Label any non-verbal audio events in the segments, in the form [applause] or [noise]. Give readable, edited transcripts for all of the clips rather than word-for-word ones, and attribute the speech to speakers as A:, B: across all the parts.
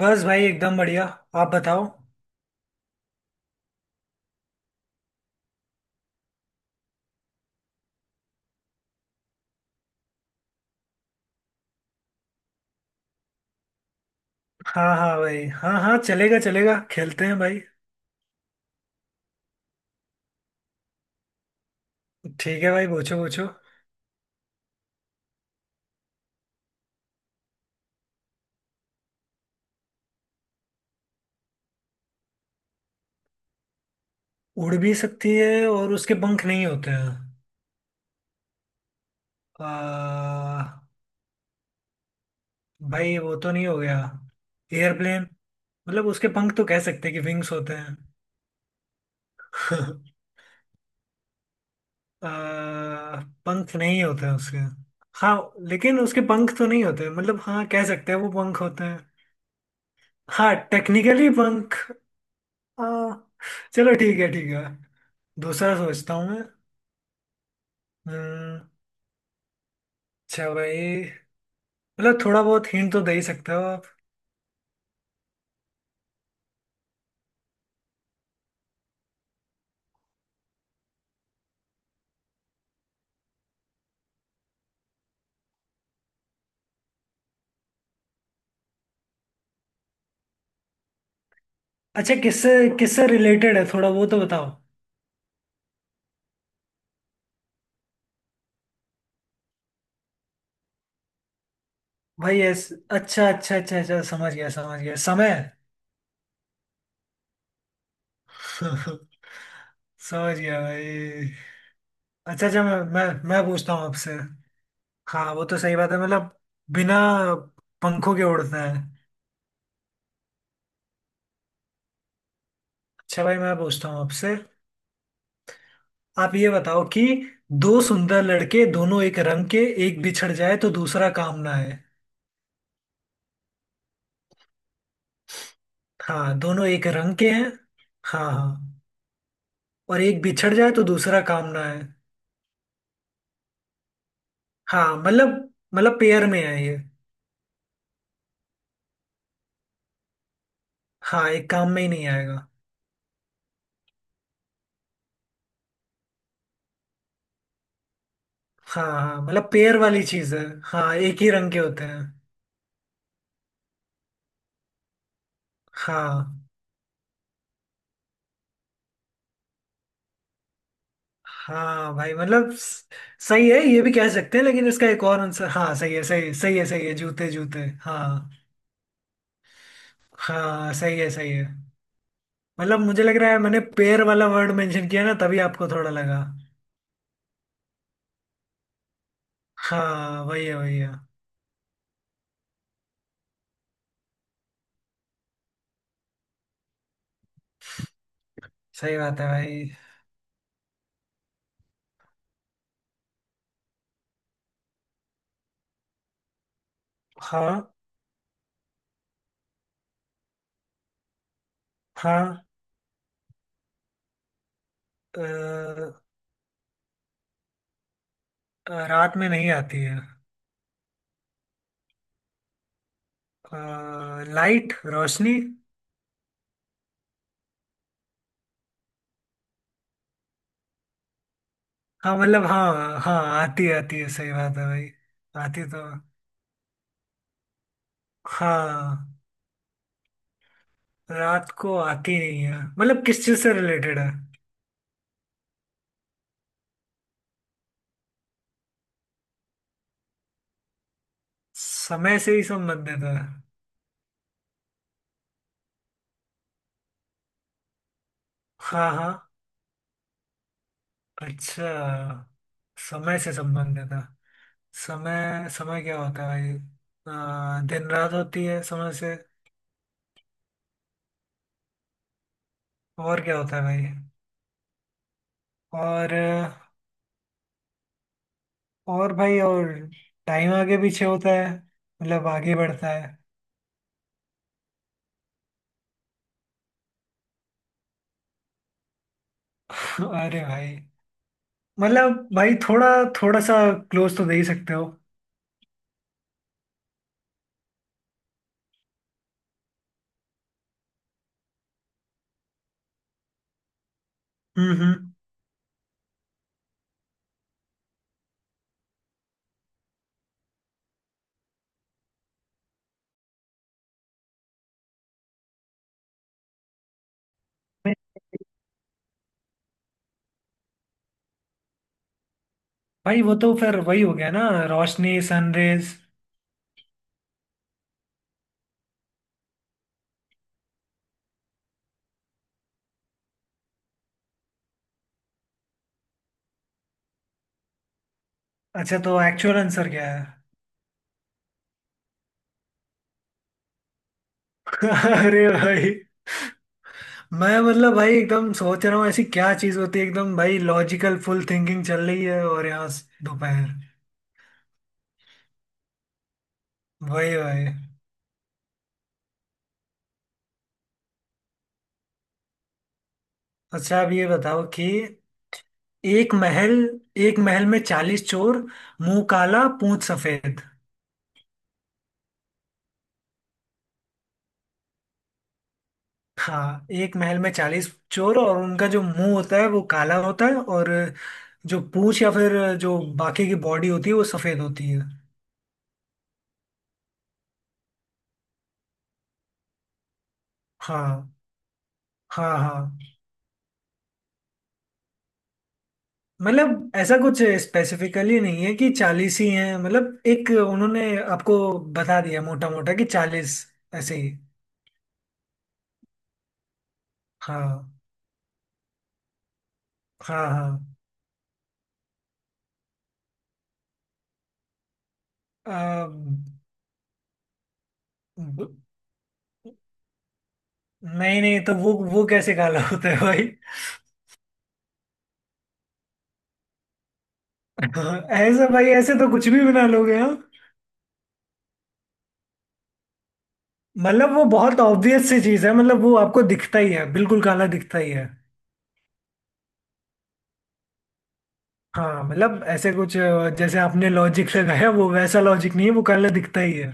A: बस भाई, एकदम बढ़िया। आप बताओ। हाँ हाँ भाई, हाँ हाँ, चलेगा चलेगा, खेलते हैं भाई। ठीक है भाई, पूछो पूछो। उड़ भी सकती है और उसके पंख नहीं होते हैं। आ, भाई वो तो नहीं हो गया, एयरप्लेन? मतलब उसके पंख तो कह सकते हैं कि विंग्स होते हैं। [laughs] आ, पंख नहीं होते हैं उसके। हाँ, लेकिन उसके पंख तो नहीं होते, मतलब हाँ, कह सकते हैं वो पंख होते हैं। हाँ टेक्निकली पंख। हाँ, चलो ठीक है ठीक है। दूसरा सोचता हूँ मैं। हम्म। अच्छा भाई, मतलब थोड़ा बहुत हिंट तो दे ही सकते हो आप। अच्छा किससे, किससे रिलेटेड है थोड़ा वो तो बताओ। भाई ऐस अच्छा अच्छा अच्छा अच्छा, समझ गया समझ गया, समय। [laughs] समझ गया भाई। अच्छा अच्छा, मैं पूछता हूँ आपसे। हाँ वो तो सही बात है, मतलब बिना पंखों के उड़ता है। अच्छा भाई मैं पूछता हूँ आपसे। आप ये बताओ कि, दो सुंदर लड़के दोनों एक रंग के, एक बिछड़ जाए तो दूसरा काम ना है। हाँ दोनों एक रंग के हैं। हाँ हाँ। और एक बिछड़ जाए तो दूसरा काम ना है। हाँ मतलब, मतलब पेयर में है ये। हाँ एक काम में ही नहीं आएगा। हाँ हाँ, मतलब पेयर वाली चीज है, हाँ एक ही रंग के होते हैं। हाँ हाँ भाई, मतलब सही है, ये भी कह सकते हैं, लेकिन इसका एक और आंसर। हाँ सही है सही है सही है सही है, जूते जूते हाँ। हाँ सही है सही है। मतलब मुझे लग रहा है मैंने पेड़ वाला वर्ड मेंशन किया ना, तभी आपको थोड़ा लगा। हाँ वही है वही है। सही बात है भाई। हाँ हाँ। अ, रात में नहीं आती है। लाइट, रोशनी। हाँ मतलब हाँ हाँ आती है आती है, सही बात है भाई। आती तो। हाँ रात को आती नहीं है, मतलब किस चीज से रिलेटेड है? समय से ही संबंधित है। हाँ हाँ। अच्छा, समय से संबंधित है। समय, समय क्या होता है भाई, दिन रात होती है समय से। और क्या होता है भाई? और भाई और टाइम आगे पीछे होता है, मतलब आगे बढ़ता है। [laughs] अरे भाई, मतलब भाई थोड़ा, थोड़ा सा क्लोज तो दे ही सकते हो। हम्म हम्म भाई वो तो फिर वही हो गया ना, रोशनी, सनरेज। अच्छा तो एक्चुअल आंसर क्या है? [laughs] अरे भाई, मैं मतलब भाई एकदम सोच रहा हूँ ऐसी क्या चीज होती है, एकदम भाई लॉजिकल फुल थिंकिंग चल रही है, और यहाँ दोपहर। वही वही। अच्छा अब ये बताओ कि, एक महल, एक महल में 40 चोर, मुंह काला पूंछ सफेद। हाँ एक महल में 40 चोर, और उनका जो मुंह होता है वो काला होता है, और जो पूंछ या फिर जो बाकी की बॉडी होती है वो सफेद होती है। हाँ हाँ हाँ। मतलब ऐसा कुछ स्पेसिफिकली नहीं है कि 40 ही हैं, मतलब एक उन्होंने आपको बता दिया मोटा मोटा, कि 40, ऐसे ही। हाँ हाँ हाँ। आ, ब- नहीं नहीं, तो वो कैसे काला होता है भाई? [laughs] हाँ, ऐसे भाई, ऐसे तो कुछ भी बना लोगे हाँ। मतलब वो बहुत ऑब्वियस सी चीज है, मतलब वो आपको दिखता ही है, बिल्कुल काला दिखता ही है। हाँ मतलब ऐसे कुछ, जैसे आपने लॉजिक लगाया वो वैसा लॉजिक नहीं है, वो काला दिखता ही है।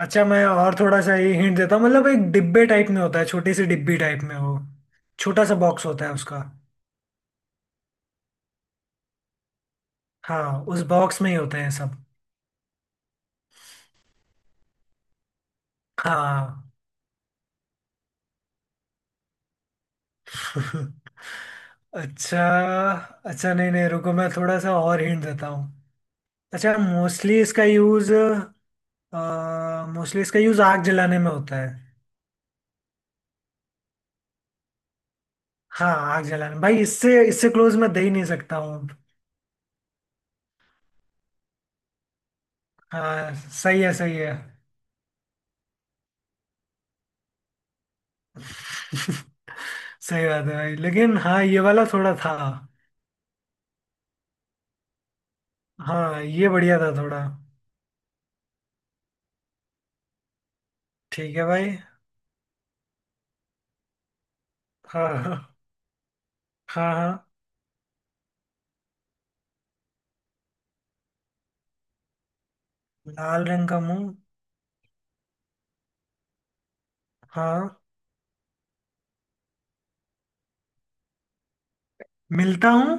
A: अच्छा मैं और थोड़ा सा ये हिंट देता हूँ, मतलब एक डिब्बे टाइप में होता है, छोटी सी डिब्बी टाइप में हो, छोटा सा बॉक्स होता है उसका। हाँ उस बॉक्स में ही होते हैं सब। हाँ। [laughs] अच्छा अच्छा नहीं नहीं, रुको मैं थोड़ा सा और हिंट देता हूँ। अच्छा मोस्टली इसका यूज, मोस्टली इसका यूज आग जलाने में होता है। हाँ आग जलाने भाई, इससे इससे क्लोज मैं दे ही नहीं सकता हूँ। हाँ सही है सही है। [laughs] सही बात है भाई, लेकिन हाँ ये वाला थोड़ा था। हाँ ये बढ़िया था थोड़ा। ठीक है भाई। हाँ हाँ। हाँ हाँ। लाल रंग का मुंह। हाँ। मिलता हूँ।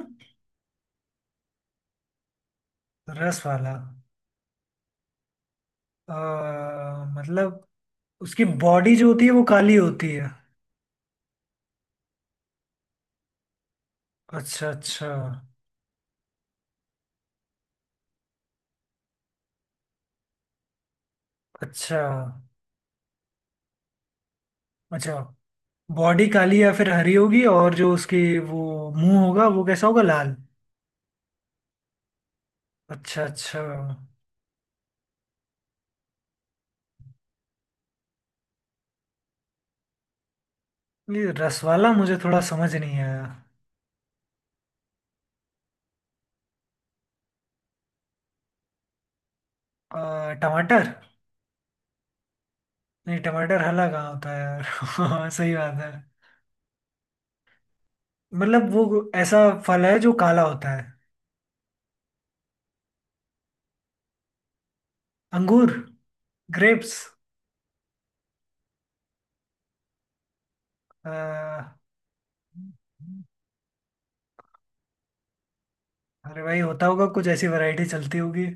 A: रस वाला। मतलब उसकी बॉडी जो होती है वो काली होती है। अच्छा अच्छा। अच्छा अच्छा, बॉडी काली या फिर हरी होगी, और जो उसकी वो मुंह होगा वो कैसा होगा, लाल। अच्छा अच्छा। ये रस वाला मुझे थोड़ा समझ नहीं आया। टमाटर। नहीं, टमाटर हला कहाँ होता है यार? [laughs] सही बात है, मतलब वो ऐसा फल है जो काला होता है। अंगूर, ग्रेप्स। अरे भाई होता होगा कुछ, ऐसी वैरायटी चलती होगी।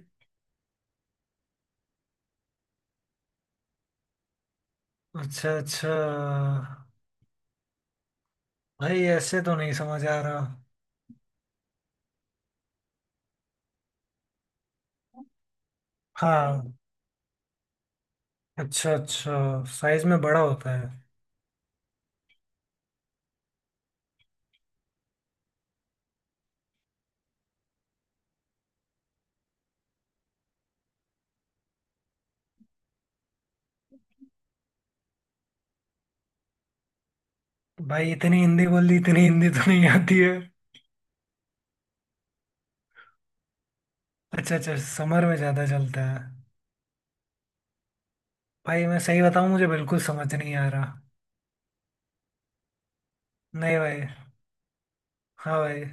A: अच्छा अच्छा। भाई ऐसे तो नहीं समझ आ रहा। हाँ, अच्छा अच्छा, साइज में बड़ा होता है। भाई इतनी हिंदी बोल दी, इतनी हिंदी तो नहीं आती है। अच्छा अच्छा, समर में ज़्यादा चलता है। भाई मैं सही बताऊँ, मुझे बिल्कुल समझ नहीं आ रहा। नहीं भाई। हाँ भाई।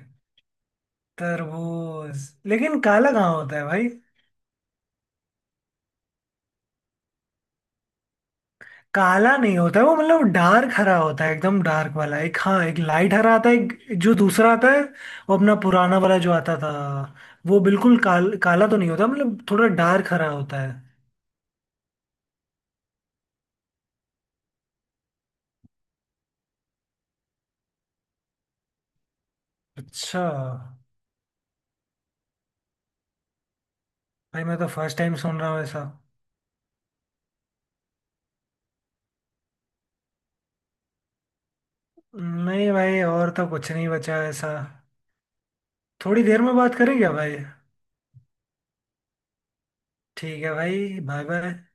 A: तरबूज लेकिन काला कहाँ होता है भाई? काला नहीं होता है वो, मतलब डार्क हरा होता है, एकदम डार्क वाला एक, हाँ, एक लाइट हरा आता है एक, जो दूसरा आता है, वो अपना पुराना वाला जो आता था वो बिल्कुल काला तो नहीं होता, मतलब थोड़ा डार्क हरा होता है। अच्छा। भाई मैं तो फर्स्ट टाइम सुन रहा हूँ ऐसा। नहीं भाई और तो कुछ नहीं बचा ऐसा। थोड़ी देर में बात करें क्या भाई? ठीक है भाई बाय बाय।